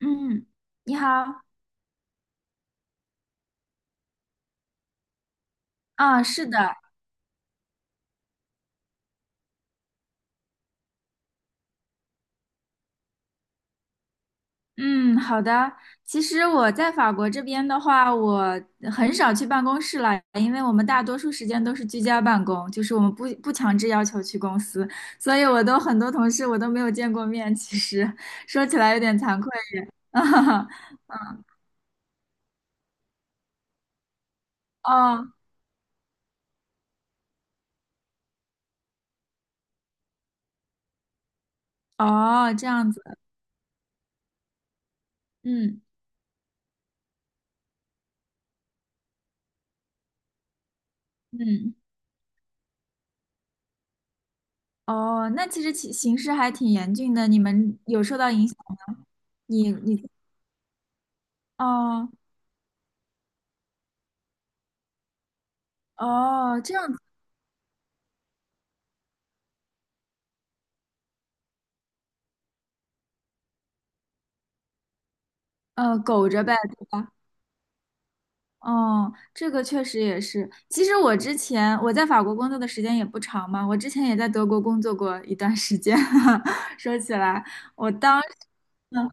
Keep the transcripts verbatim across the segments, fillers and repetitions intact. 嗯，你好，啊，是的，嗯，好的。其实我在法国这边的话，我很少去办公室了，因为我们大多数时间都是居家办公，就是我们不不强制要求去公司，所以我都很多同事我都没有见过面。其实说起来有点惭愧。哦哦，这样子，嗯嗯，哦，那其实其形势还挺严峻的，你们有受到影响吗？你你哦哦，这样。呃，苟着呗，对吧？哦，这个确实也是。其实我之前我在法国工作的时间也不长嘛，我之前也在德国工作过一段时间。说起来，我当时，嗯，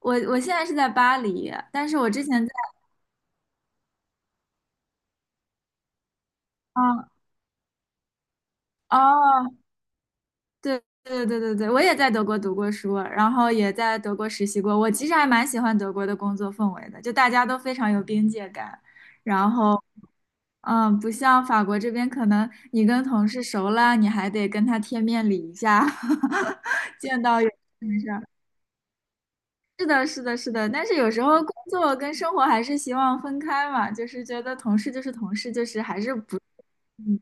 我我现在是在巴黎，但是我之前在，哦哦，对对对对对，我也在德国读过书，然后也在德国实习过。我其实还蛮喜欢德国的工作氛围的，就大家都非常有边界感，然后。嗯，不像法国这边，可能你跟同事熟了，你还得跟他贴面礼一下，见到有是没事是的，是的，是的。但是有时候工作跟生活还是希望分开嘛，就是觉得同事就是同事，就是还是不，嗯，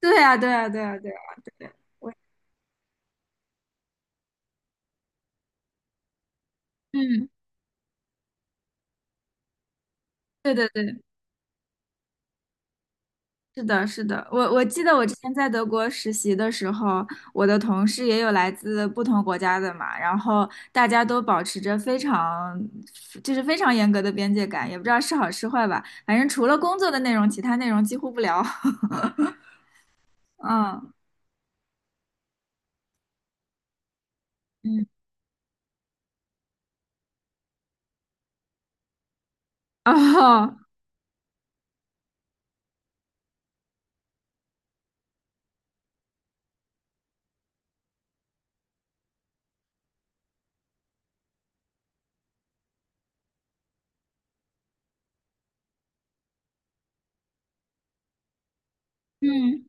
对呀，对呀，对呀，对呀，对呀，我，嗯，对对对。是的，是的，我我记得我之前在德国实习的时候，我的同事也有来自不同国家的嘛，然后大家都保持着非常，就是非常严格的边界感，也不知道是好是坏吧，反正除了工作的内容，其他内容几乎不聊。嗯嗯哦嗯，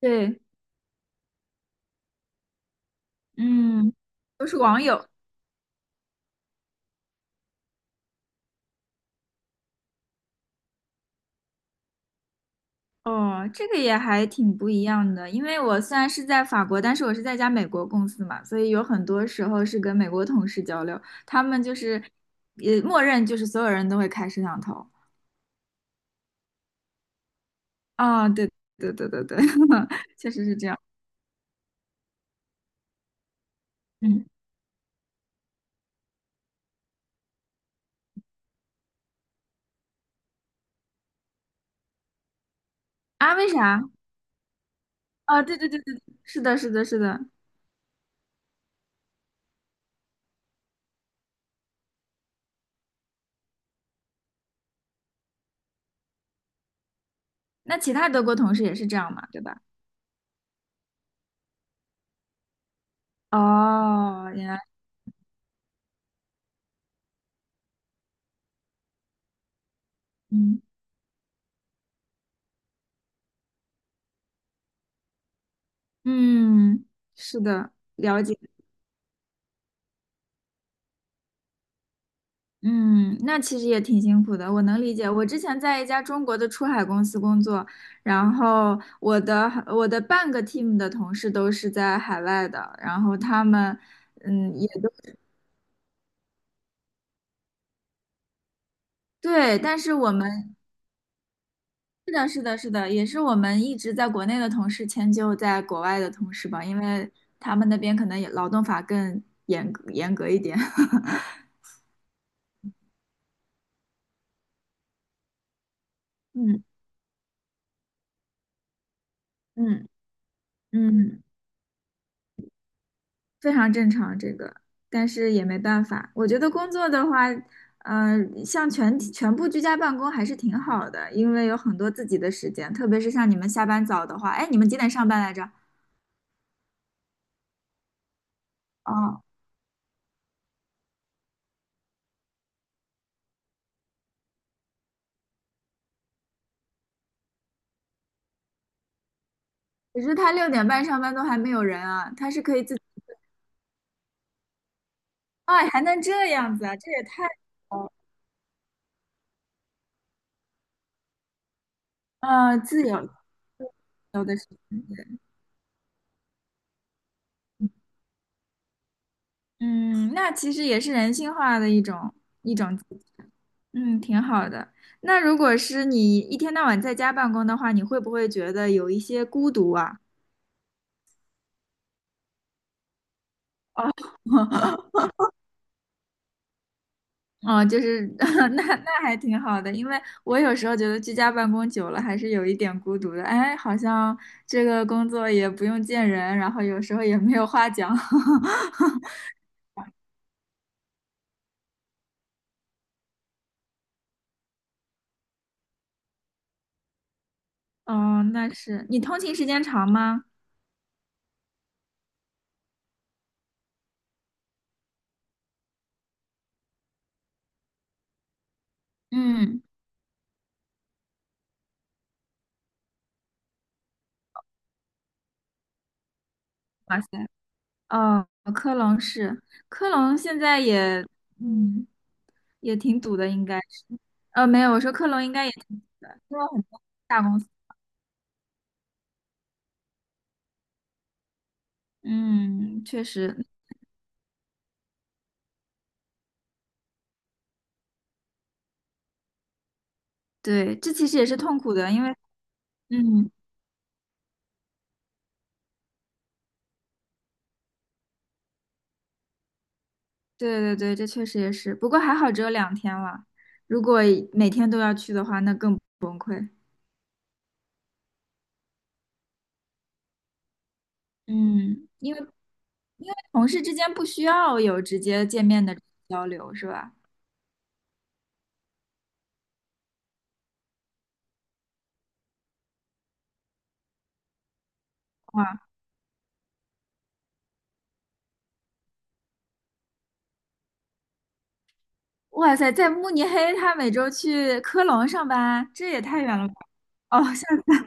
对，嗯，都是网友。哦，这个也还挺不一样的，因为我虽然是在法国，但是我是在一家美国公司嘛，所以有很多时候是跟美国同事交流，他们就是，也默认就是所有人都会开摄像头。啊，对对对对对，确实是这样。嗯，啊，为啥？哦，对对对对，是的，是的，是的。那其他德国同事也是这样嘛，对吧？哦，原来，嗯嗯，是的，了解。嗯，那其实也挺辛苦的，我能理解。我之前在一家中国的出海公司工作，然后我的我的半个 team 的同事都是在海外的，然后他们嗯也都对，但是我们是的，是的，是的，也是我们一直在国内的同事迁就在国外的同事吧，因为他们那边可能也劳动法更严格严格一点。嗯嗯嗯。非常正常这个，但是也没办法。我觉得工作的话，呃，像全体全部居家办公还是挺好的，因为有很多自己的时间，特别是像你们下班早的话，哎，你们几点上班来着？哦，可是他六点半上班都还没有人啊，他是可以自己，哎，还能这样子啊，这也太好了，呃，自由自由的时间，对嗯，那其实也是人性化的一种一种。嗯，挺好的。那如果是你一天到晚在家办公的话，你会不会觉得有一些孤独啊？哦哦，就是 那那还挺好的，因为我有时候觉得居家办公久了还是有一点孤独的。哎，好像这个工作也不用见人，然后有时候也没有话讲。哦，那是你通勤时间长吗？嗯，哇塞，哦，科隆是科隆，现在也嗯也挺堵的，应该。呃，没有，我说克隆应该也挺苦的，因为很多大公司，嗯，确实，对，这其实也是痛苦的，因为，嗯，对对对，这确实也是，不过还好只有两天了，如果每天都要去的话，那更崩溃，嗯，因为因为同事之间不需要有直接见面的交流，是吧？哇哇塞，在慕尼黑，他每周去科隆上班，这也太远了吧？哦，下次，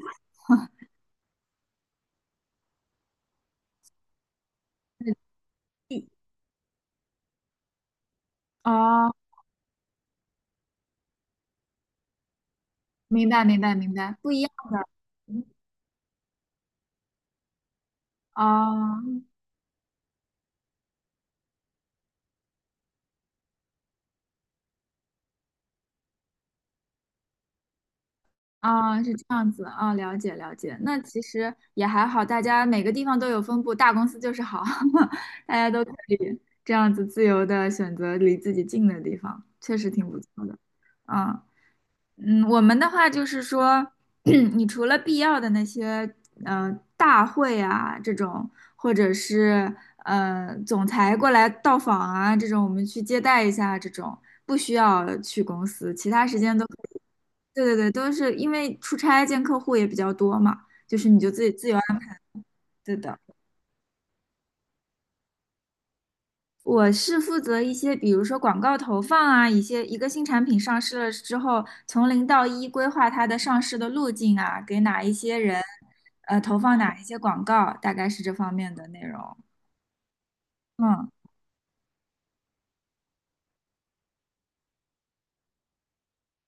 哦，明白明白明白，不一样的，嗯哦。啊，是这样子啊，了解了解。那其实也还好，大家每个地方都有分布，大公司就是好，大家都可以这样子自由的选择离自己近的地方，确实挺不错的。啊，嗯，我们的话就是说，你除了必要的那些呃大会啊这种，或者是呃总裁过来到访啊这种，我们去接待一下这种，不需要去公司，其他时间都。对对对，都是因为出差见客户也比较多嘛，就是你就自己自由安排对的。我是负责一些，比如说广告投放啊，一些一个新产品上市了之后，从零到一规划它的上市的路径啊，给哪一些人，呃，投放哪一些广告，大概是这方面的内容。嗯，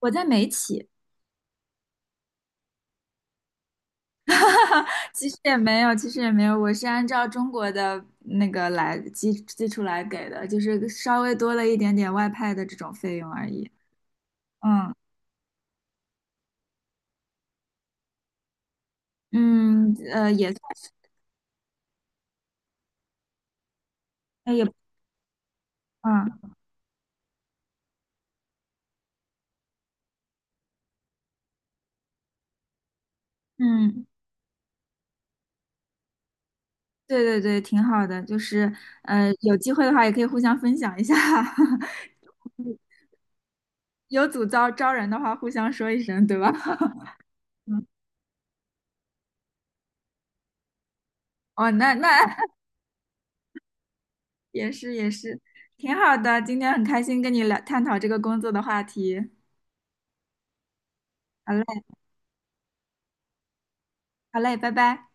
我在美企，其实也没有，其实也没有，我是按照中国的那个来基基础来给的，就是稍微多了一点点外派的这种费用而已。嗯。嗯，呃，也算是哎也不，嗯嗯，对对对，挺好的，就是呃，有机会的话也可以互相分享一下，有组招招人的话，互相说一声，对吧？哦，那那 也是也是，挺好的，今天很开心跟你聊探讨这个工作的话题，好嘞好嘞，拜拜。